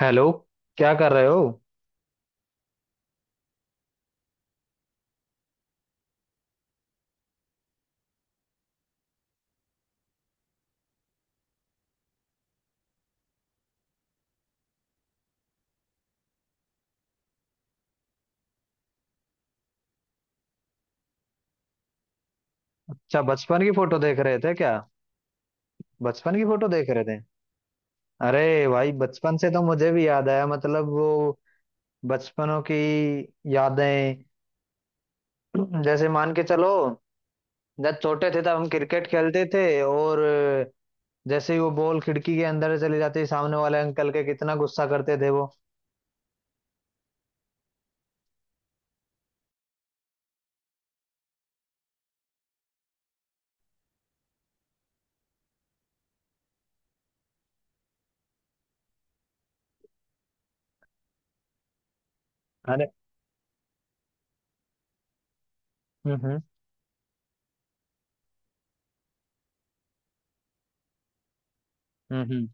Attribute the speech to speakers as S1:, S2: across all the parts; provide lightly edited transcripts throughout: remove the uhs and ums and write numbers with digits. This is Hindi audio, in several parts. S1: हेलो। क्या कर रहे हो? अच्छा, बचपन की फोटो देख रहे थे क्या? बचपन की फोटो देख रहे थे? अरे भाई, बचपन से तो मुझे भी याद आया, मतलब वो बचपनों की यादें। जैसे मान के चलो, जब छोटे थे तब हम क्रिकेट खेलते थे, और जैसे ही वो बॉल खिड़की के अंदर चली जाती, सामने वाले अंकल के कितना गुस्सा करते थे वो। अरे, हम्म हम्म हम्म हम्म।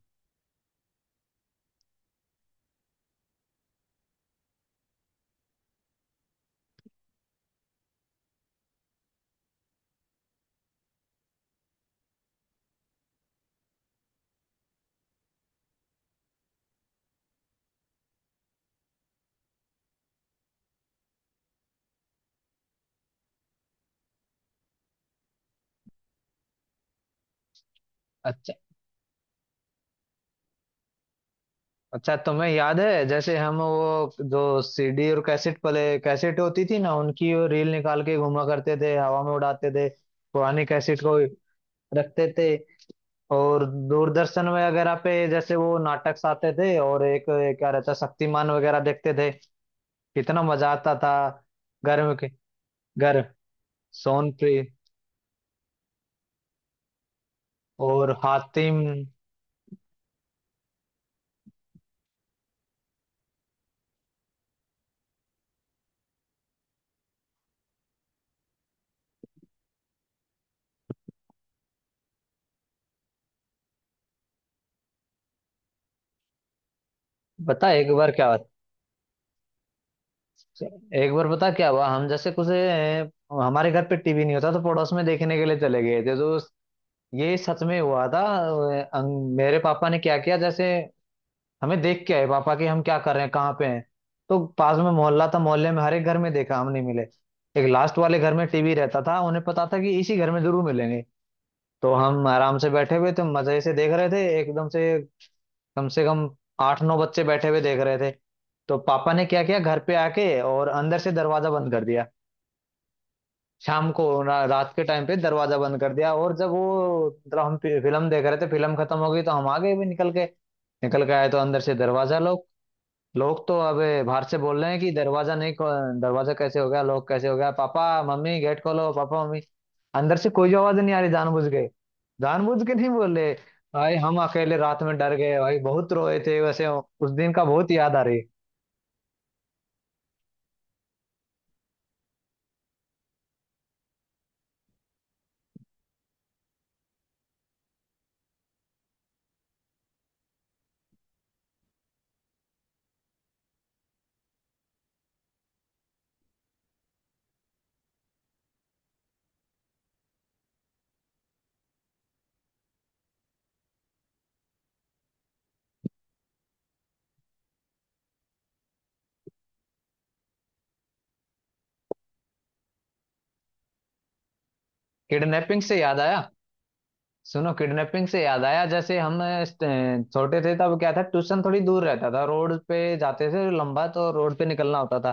S1: अच्छा, तुम्हें याद है जैसे हम वो जो सीडी और कैसेट पले कैसेट होती थी ना, उनकी वो रील निकाल के घुमा करते थे, हवा में उड़ाते थे पुरानी कैसेट को रखते थे। और दूरदर्शन वगैरह पे जैसे वो नाटक आते थे, और एक एक क्या रहता, शक्तिमान वगैरह देखते थे, कितना मजा आता था। घर में के- घर, सोनप्री और हातिम। बता एक बार क्या हुआ, एक बार बता क्या हुआ। हम जैसे कुछ हमारे घर पे टीवी नहीं होता तो पड़ोस में देखने के लिए चले गए थे, तो ये सच में हुआ था। मेरे पापा ने क्या किया जैसे, हमें देख के आए पापा कि हम क्या कर रहे हैं, कहाँ पे हैं। तो पास में मोहल्ला था, मोहल्ले में हर एक घर में देखा, हम नहीं मिले। एक लास्ट वाले घर में टीवी रहता था, उन्हें पता था कि इसी घर में जरूर मिलेंगे। तो हम आराम से बैठे हुए थे, मजे से देख रहे थे, एकदम से कम आठ नौ बच्चे बैठे हुए देख रहे थे। तो पापा ने क्या किया, घर पे आके और अंदर से दरवाजा बंद कर दिया। शाम को रात के टाइम पे दरवाजा बंद कर दिया, और जब वो मतलब हम फिल्म देख रहे थे, फिल्म खत्म हो गई तो हम आ गए भी निकल के। निकल के आए तो अंदर से दरवाजा लोग, लोग तो अब बाहर से बोल रहे हैं कि दरवाजा नहीं दरवाजा कैसे हो गया, लोग कैसे हो गया, पापा मम्मी गेट खोलो, पापा मम्मी। अंदर से कोई आवाज नहीं आ रही, जानबूझ के, जानबूझ के नहीं बोल रहे। भाई हम अकेले रात में डर गए, भाई बहुत रोए थे वैसे, उस दिन का बहुत याद आ रही है। किडनैपिंग से याद आया, सुनो किडनैपिंग से याद आया। जैसे हम छोटे थे तब क्या था, ट्यूशन थोड़ी दूर रहता था, रोड पे जाते थे, लंबा तो रोड पे निकलना होता था।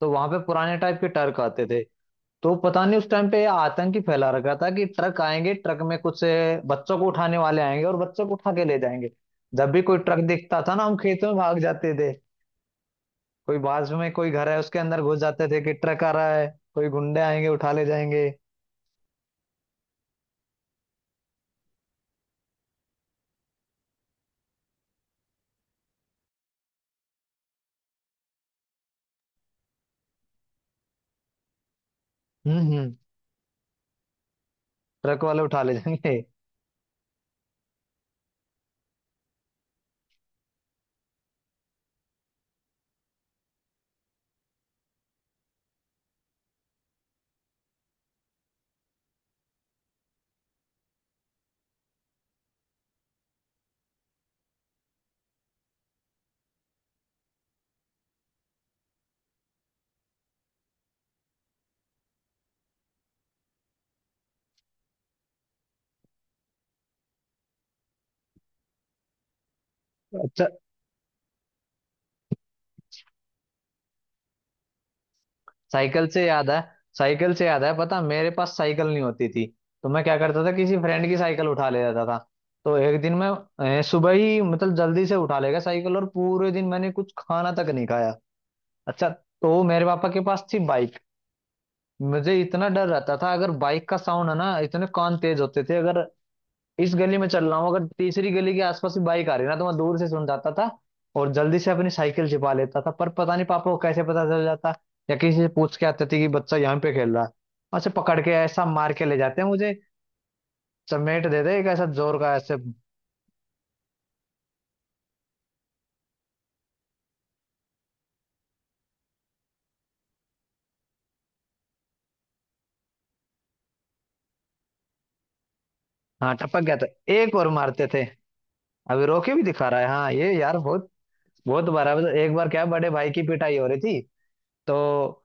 S1: तो वहां पे पुराने टाइप के ट्रक आते थे। तो पता नहीं उस टाइम पे ये आतंक ही फैला रखा था कि ट्रक आएंगे, ट्रक में कुछ बच्चों को उठाने वाले आएंगे और बच्चों को उठा के ले जाएंगे। जब भी कोई ट्रक दिखता था ना, हम खेतों में भाग जाते थे, कोई बाजू में कोई घर है उसके अंदर घुस जाते थे कि ट्रक आ रहा है, कोई गुंडे आएंगे उठा ले जाएंगे। हम्म हम्म ट्रक वाले उठा ले जाएंगे। अच्छा, साइकिल से याद है, साइकिल से याद है पता, मेरे पास साइकिल नहीं होती थी। तो मैं क्या करता था, किसी फ्रेंड की साइकिल उठा ले जाता था। तो एक दिन मैं सुबह ही मतलब जल्दी से उठा ले गया साइकिल और पूरे दिन मैंने कुछ खाना तक नहीं खाया। अच्छा, तो मेरे पापा के पास थी बाइक। मुझे इतना डर रहता था, अगर बाइक का साउंड है ना, इतने कान तेज होते थे, अगर इस गली में चल रहा हूँ, अगर तीसरी गली के आसपास भी बाइक आ रही ना, तो मैं दूर से सुन जाता था और जल्दी से अपनी साइकिल छिपा लेता था। पर पता नहीं पापा को कैसे पता चल जाता, या किसी से पूछ के आते थे कि बच्चा यहाँ पे खेल रहा है, और उसे पकड़ के ऐसा मार के ले जाते हैं मुझे, चमेट देते एक ऐसा जोर का ऐसे। हाँ टपक गया था, एक और मारते थे, अभी रोके भी दिखा रहा है, हाँ ये यार बहुत बहुत बार है। मतलब एक बार क्या, बड़े भाई की पिटाई हो रही थी, तो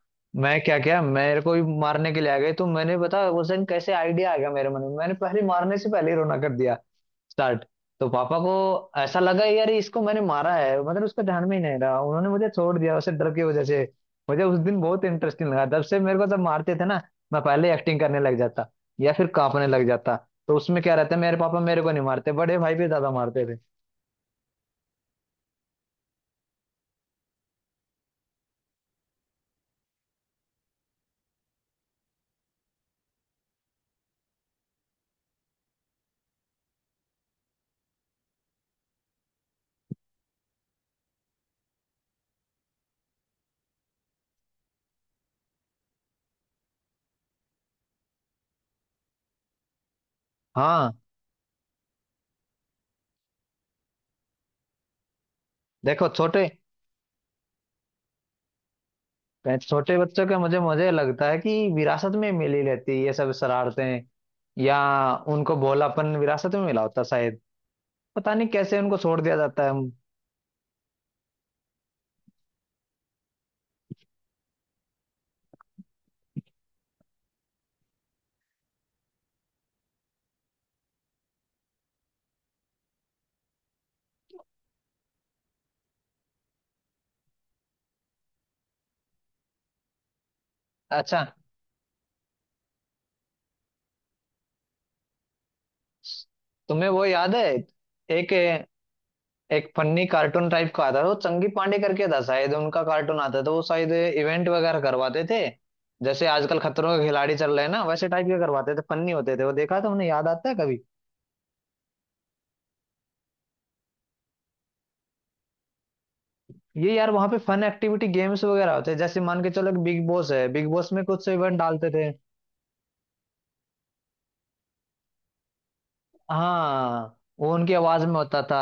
S1: मैं क्या क्या मेरे को भी मारने के लिए आ गए, तो मैंने बता उस दिन कैसे आइडिया आ गया मेरे मन में, मैंने पहले, मारने से पहले ही रोना कर दिया स्टार्ट। तो पापा को ऐसा लगा यार इसको मैंने मारा है, मतलब उसका ध्यान में ही नहीं रहा, उन्होंने मुझे छोड़ दिया उसे डर की वजह से। मुझे उस दिन बहुत इंटरेस्टिंग लगा, तब से मेरे को जब मारते थे ना, मैं पहले एक्टिंग करने लग जाता या फिर कांपने लग जाता। तो उसमें क्या रहता है, मेरे पापा मेरे को नहीं मारते, बड़े भाई भी ज्यादा मारते थे। हाँ, देखो छोटे छोटे बच्चों के, मुझे मुझे लगता है कि विरासत में मिली रहती है ये सब शरारतें, या उनको भोलापन विरासत में मिला होता शायद, पता नहीं कैसे उनको छोड़ दिया जाता है। अच्छा, तुम्हें वो याद है, एक एक फनी कार्टून टाइप का आता था, वो चंगी पांडे करके था शायद उनका कार्टून आता था, तो वो शायद इवेंट वगैरह करवाते थे। जैसे आजकल खतरों के खिलाड़ी चल रहे हैं ना, वैसे टाइप के करवाते थे, फनी होते थे वो। देखा था उन्हें, याद आता है कभी? ये यार वहां पे फन एक्टिविटी गेम्स वगैरह होते हैं, जैसे मान के चलो एक बिग बॉस है, बिग बॉस में कुछ इवेंट डालते थे। हाँ, वो उनकी आवाज में होता था।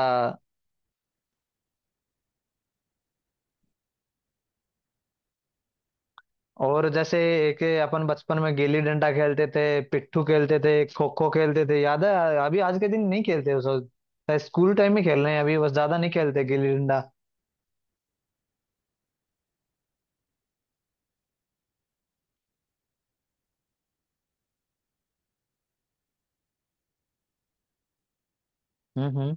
S1: और जैसे एक, अपन बचपन में गिल्ली डंडा खेलते थे, पिट्ठू खेलते थे, खो खो खेलते थे, याद है? अभी आज के दिन नहीं खेलते, उस स्कूल टाइम में खेल रहे हैं, अभी बस ज्यादा नहीं खेलते गिल्ली डंडा। हम्म हम्म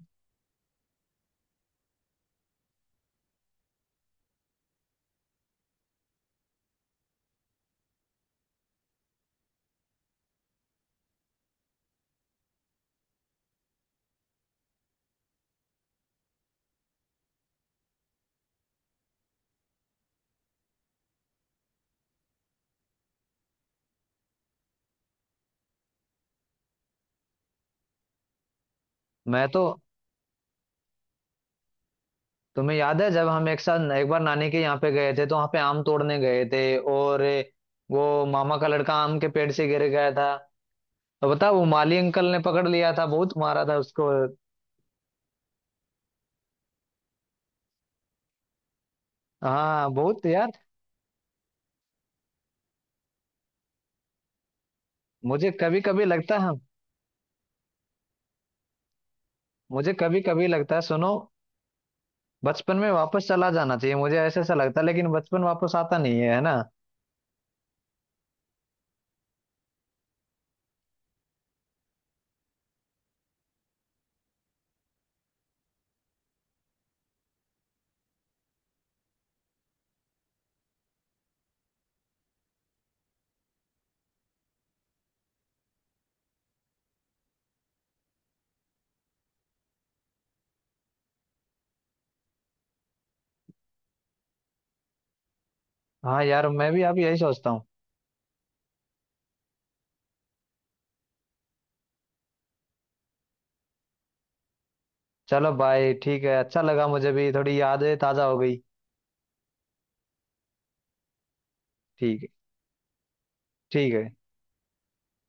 S1: मैं तो, तुम्हें याद है जब हम एक साथ एक बार नानी के यहाँ पे गए थे, तो वहां पे आम तोड़ने गए थे, और वो मामा का लड़का आम के पेड़ से गिर गया था। तो बता, वो माली अंकल ने पकड़ लिया था, बहुत मारा था उसको। हाँ बहुत यार। मुझे कभी कभी लगता है, मुझे कभी कभी लगता है, सुनो, बचपन में वापस चला जाना चाहिए, मुझे ऐसा ऐसा लगता है, लेकिन बचपन वापस आता नहीं है, है ना? हाँ यार, मैं भी अब यही सोचता हूँ। चलो बाय, ठीक है, अच्छा लगा, मुझे भी थोड़ी यादें ताजा हो गई। ठीक है। ठीक है।